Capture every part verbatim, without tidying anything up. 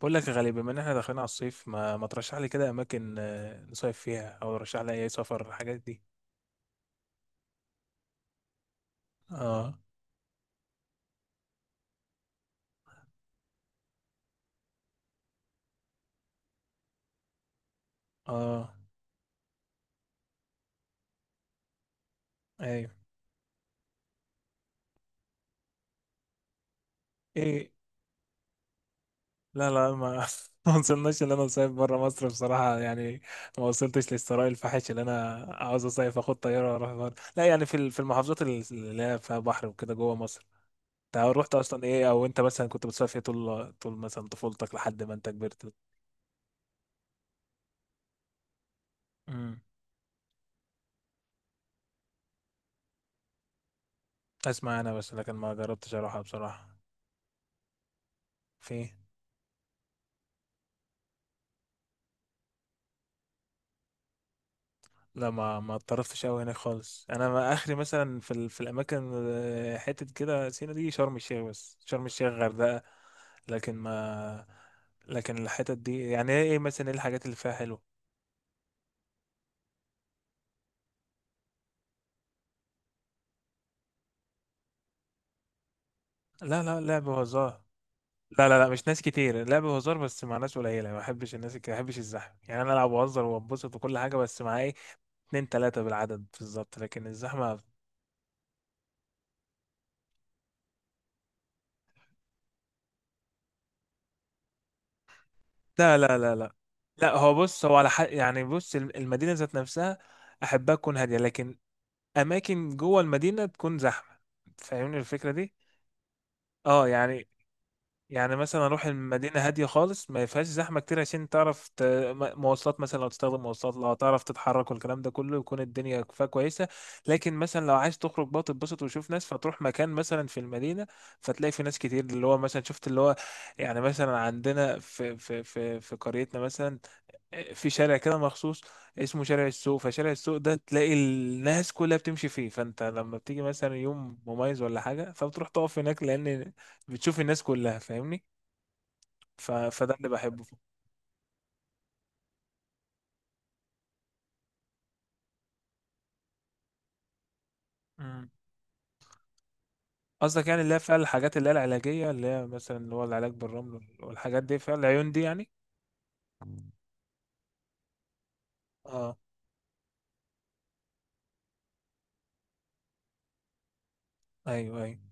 بقول لك يا غالي، بما ان احنا داخلين على الصيف، ما, ما ترشح لي كده اماكن، آه، نصيف فيها، او رشح لي اي سفر، الحاجات دي. اه. اه. ايوه. ايه. لا لا، ما ما وصلناش ان انا اصيف بره مصر بصراحه، يعني ما وصلتش للثراء الفاحش اللي انا عاوز اصيف اخد طياره واروح بره. لا يعني في ال- في المحافظات اللي اللي هي فيها بحر وكده جوه مصر. انت رحت اصلا ايه؟ او انت مثلا كنت بتصيف إيه طول طول مثلا طفولتك لحد ما انت كبرت؟ امم. اسمع انا، بس لكن ما جربتش اروحها بصراحه. في. لا ما ما اتطرفتش قوي هناك خالص. انا ما اخري مثلا في ال... في الاماكن، آه، حتت كده سينا دي، شرم الشيخ، بس شرم الشيخ، غردقة. لكن ما. لكن الحتت دي يعني ايه مثلا؟ ايه الحاجات اللي فيها حلوه؟ لا لا، لعب وهزار. لا لا لا، مش ناس كتير، لعب وهزار بس مع ناس قليله. ما بحبش الناس كده، ما بحبش الزحمه يعني. انا العب وهزر وانبسط وكل حاجه، بس مع ايه، اتنين تلاته بالعدد بالظبط، لكن الزحمه. لا لا لا لا. لا هو بص، هو على حق يعني. بص، الم- المدينه ذات نفسها احبها تكون هاديه، لكن اماكن جوه المدينه تكون زحمه. فاهمني الفكره دي؟ اه يعني. يعني مثلا اروح المدينه هاديه خالص، ما فيهاش زحمه كتير، عشان تعرف ت... م- مواصلات، مثلا لو تستخدم مواصلات، لو تعرف تتحرك، والكلام ده كله يكون الدنيا فيها كويسه. لكن مثلا لو عايز تخرج بقى تتبسط وتشوف ناس، فتروح مكان مثلا في المدينه فتلاقي في ناس كتير، اللي هو مثلا شفت اللي هو. يعني مثلا عندنا في في في في قريتنا مثلا، آه، في شارع كده مخصوص اسمه شارع السوق. فشارع السوق ده تلاقي الناس كلها بتمشي فيه، فانت لما بتيجي مثلا يوم مميز ولا حاجه، فبتروح تقف هناك لان بتشوف الناس كلها. فاهمني؟ ف... فده اللي بحبه فيه. مم. قصدك يعني اللي هي فعلا الحاجات اللي هي العلاجية، اللي هي مثلا اللي هو العلاج بالرمل وال- والحاجات دي، فعلا العيون دي يعني؟ اه. ايوه ايوه.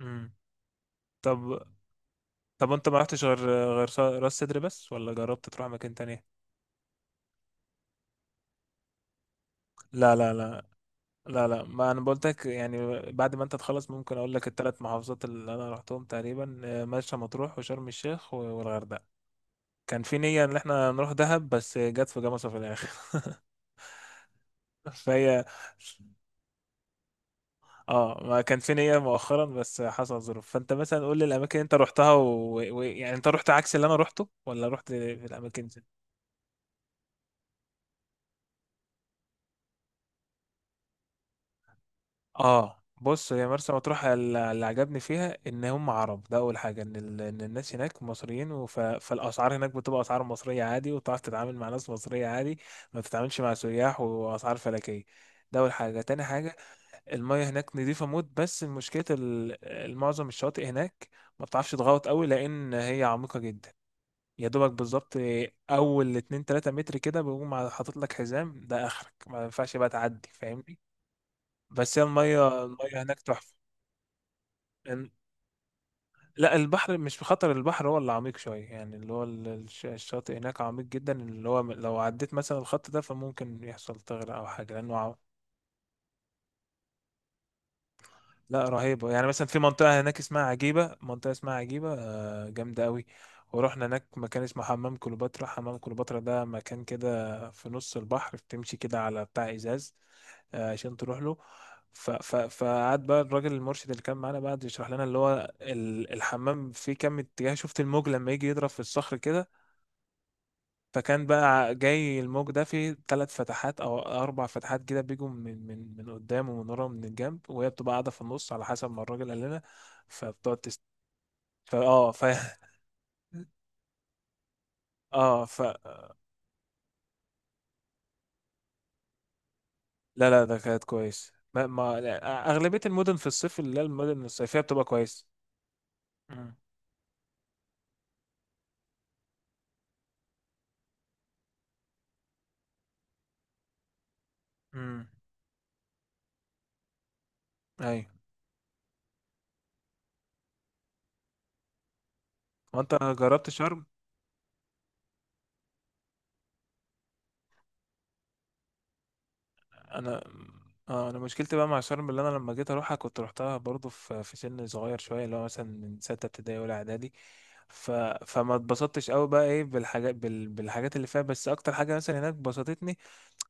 مم. طب طب انت ما رحتش غير غير ص- راس صدر بس، ولا جربت تروح مكان تاني؟ لا لا لا لا لا، ما انا بقولتك يعني بعد ما انت تخلص ممكن اقول لك. الثلاث محافظات اللي انا رحتهم تقريبا، آه، مرسى مطروح، وشرم الشيخ، و- والغردقة. كان في نية ان احنا نروح دهب بس جت في جمصة في الاخر. فهي. اه ما كان في نية مؤخرا بس حصل ظروف. فانت مثلا قول لي الاماكن اللي انت رحتها و... و... يعني انت رحت عكس اللي انا رحته، ولا رحت في الاماكن دي؟ اه، بص. هي مرسى مطروح ال- اللي عجبني فيها ان هم عرب. ده اول حاجه، ان, ال... إن الناس هناك مصريين وف... فالاسعار هناك بتبقى اسعار مصريه عادي، وتعرف تتعامل مع ناس مصريه عادي، ما بتتعاملش مع سياح واسعار فلكيه. ده اول حاجه. تاني حاجه، المية هناك نظيفة موت، بس المشكلة ال- معظم الشواطئ هناك ما بتعرفش تغوط قوي لأن هي عميقة جدا. يا دوبك بالظبط أول اتنين تلاتة متر كده بيقوم حاطط لك حزام، ده آخرك ما ينفعش بقى تعدي. فاهمني؟ بس هي المية المية هناك تحفة. إن- لا البحر مش بخطر، البحر هو اللي عميق شوية يعني، اللي هو ال- الش- الشاطئ هناك عميق جدا، اللي هو لو عديت مثلا الخط ده فممكن يحصل تغرق أو حاجة، لأنه ع- لا، رهيبة يعني. مثلا في منطقة هناك اسمها عجيبة، منطقة اسمها عجيبة، آه، جامدة قوي. ورحنا هناك مكان اسمه حمام كليوباترا. حمام كليوباترا ده مكان كده في نص البحر، بتمشي كده على بتاع إزاز آه، عشان تروح له. ف- ف- فقعد بقى الراجل المرشد اللي كان معانا بقى يشرح لنا اللي هو ال- الحمام فيه كام اتجاه. شفت الموج لما يجي يضرب في الصخر كده؟ فكان بقى جاي الموج ده في ثلاث فتحات او اربع فتحات كده، بيجوا من من من قدام ومن ورا ومن الجنب، وهي بتبقى قاعده في النص على حسب ما الراجل قال لنا. فبتقعد تست... فا اه. ف اه. ف لا لا، ده كانت كويس. ما... ما لا، اغلبيه المدن في الصيف اللي هي المدن الصيفيه بتبقى كويس. امم. امم. ايوه. وانت جربت شرم؟ انا، اه انا مشكلتي بقى مع شرم، اللي انا لما جيت اروحها كنت روحتها برضو في في سن صغير شويه، اللي هو مثلا من سته ابتدائي ولا اعدادي. ف... فما اتبسطتش قوي بقى ايه بالحاجات، بال... بالحاجات اللي فيها، بس اكتر حاجه مثلا هناك بسطتني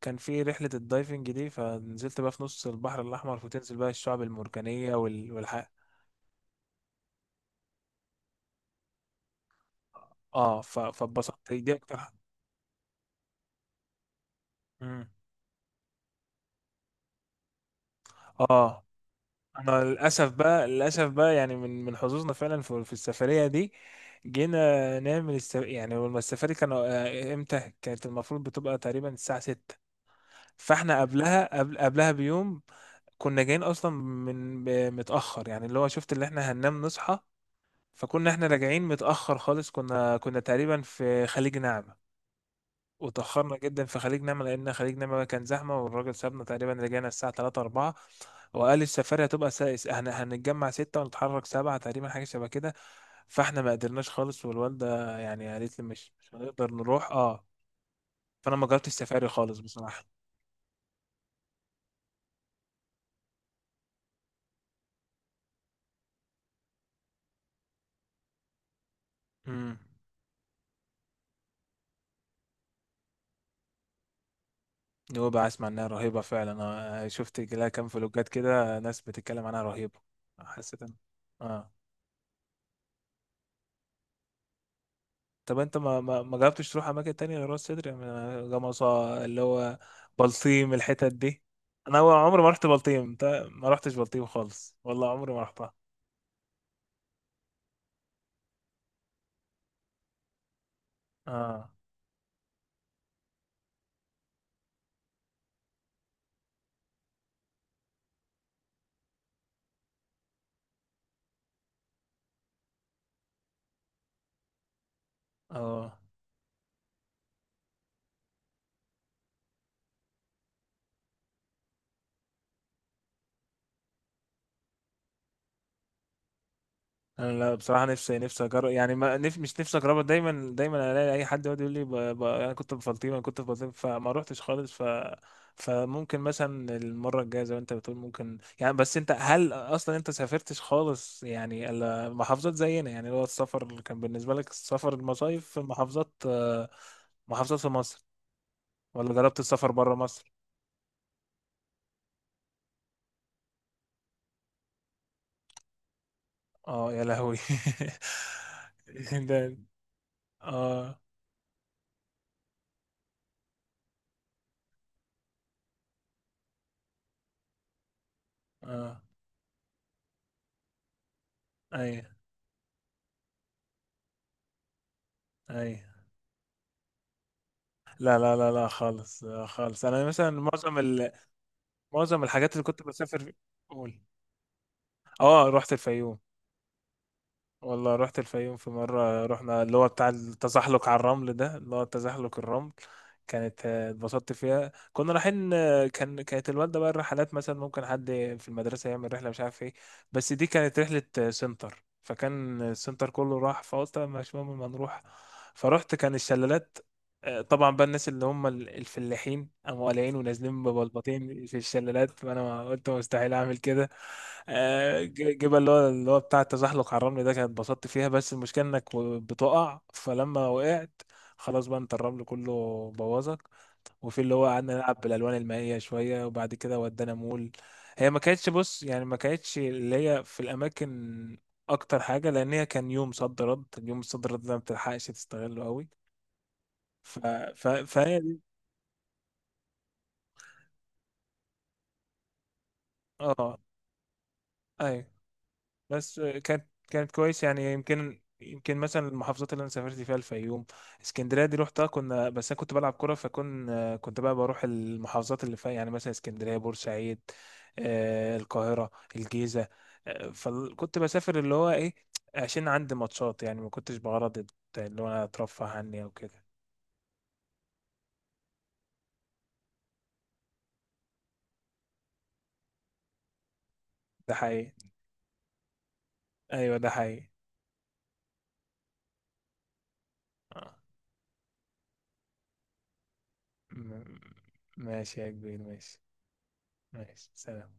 كان في رحله الدايفنج دي. فنزلت بقى في نص البحر الاحمر فتنزل بقى الشعب المرجانيه وال... والح... اه، ف... فاتبسطت دي اكتر حاجة. مم. اه، انا للاسف بقى، للاسف بقى يعني من من حظوظنا فعلا في في السفريه دي، جينا نعمل الس... يعني لما السفاري كانوا، آه، امتى كانت؟ المفروض بتبقى تقريبا الساعه ستة. فاحنا قبلها قبل قبلها بيوم كنا جايين اصلا من ب- متاخر، يعني اللي هو شفت اللي احنا هننام نصحى. فكنا احنا راجعين متاخر خالص، كنا كنا تقريبا في خليج نعمه، وتأخرنا جدا في خليج نعمة لأن خليج نعمة كان زحمة، والراجل سابنا تقريبا رجعنا الساعة ثلاثة اربعة. وقال السفاري هتبقى سائس، احنا هنتجمع ستة ونتحرك سبعة تقريبا، حاجة شبه كده. فاحنا ما قدرناش خالص، والوالدة يعني قالت لي مش مش هنقدر نروح. اه، فأنا ما جربتش السفاري خالص بصراحة. امم. نوبة أسمع إنها رهيبة فعلا، أنا شفت لها كام فلوجات كده ناس بتتكلم عنها رهيبة. حسيت أنا- اه. طب انت ما ما ما جربتش تروح اماكن تانية غير راس سدر، يعني جمصة اللي هو؟ بلطيم الحتت دي، انا هو عمري ما رحت بلطيم. انت ما رحتش بلطيم خالص؟ والله عمري ما رحتها. اه اه. انا لا بصراحه، نفسي نفسي اجرب يعني، ما نف... مش نفسي اجربها. دايما دايما الاقي اي حد يقعد يقول لي ب... ب... انا كنت بفلطيم، انا كنت بفلطيم، فما روحتش خالص. ف فممكن مثلا المره الجايه زي ما انت بتقول، ممكن يعني. بس انت هل اصلا انت سافرتش خالص يعني الا محافظات زينا يعني؟ اللي هو السفر اللي كان بالنسبه لك السفر المصايف في محافظات، آه، محافظات في مصر، ولا جربت السفر بره مصر؟ اه يا لهوي. ده. اه. اه. ايوه ايوه. لا لا لا لا خالص، آه، خالص. انا مثلا معظم ال... معظم الحاجات اللي كنت بسافر في- قول. اه رحت الفيوم، والله رحت الفيوم في مرة. رحنا اللي هو بتاع التزحلق على الرمل ده، اللي هو تزحلق الرمل. كانت، آه، اتبسطت فيها. كنا رايحين، آه، كان كانت الوالدة بقى، الرحلات مثلا ممكن حد في المدرسة يعمل رحلة مش عارف ايه، بس دي كانت رحلة، آه، سنتر، فكان السنتر كله راح فقلت مش مهم، ما نروح. فرحت كان الشلالات، آه، طبعا بقى الناس اللي هم ال- الفلاحين قاموا قالعين ونازلين ببلبطين في الشلالات، فانا ما قلت مستحيل اعمل كده. آه، ج- جبل اللي هو اللي هو بتاع التزحلق على الرمل ده كانت اتبسطت فيها، بس المشكله انك و- بتقع، فلما وقعت خلاص بقى انت الرمل كله بوظك. وفي اللي هو قعدنا نلعب بالالوان المائيه شويه، وبعد كده ودانا مول. هي ما كانتش، بص يعني، ما كانتش اللي هي في الاماكن اكتر حاجه، لان هي كان يوم صد رد، اليوم الصد رد ده ما بتلحقش تستغله قوي. ف... ف... فهي. اه. ايوه. بس، آه، كانت كانت كويس يعني. يمكن يمكن مثلا المحافظات اللي انا سافرت فيها الفيوم، اسكندريه دي روحتها كنا، بس انا كنت بلعب كوره. فكن آه، كنت بقى بروح المحافظات اللي فيها يعني مثلا اسكندريه، بورسعيد، آه، القاهره، الجيزه، آه، فكنت بسافر اللي هو ايه؟ عشان عندي ماتشات يعني، ما كنتش بغرض اللي هو انا اترفه عني او كده. ده حقيقي. ايوه ده حقيقي. آه. م- ماشي يا كبير، ماشي. ماشي، سلام.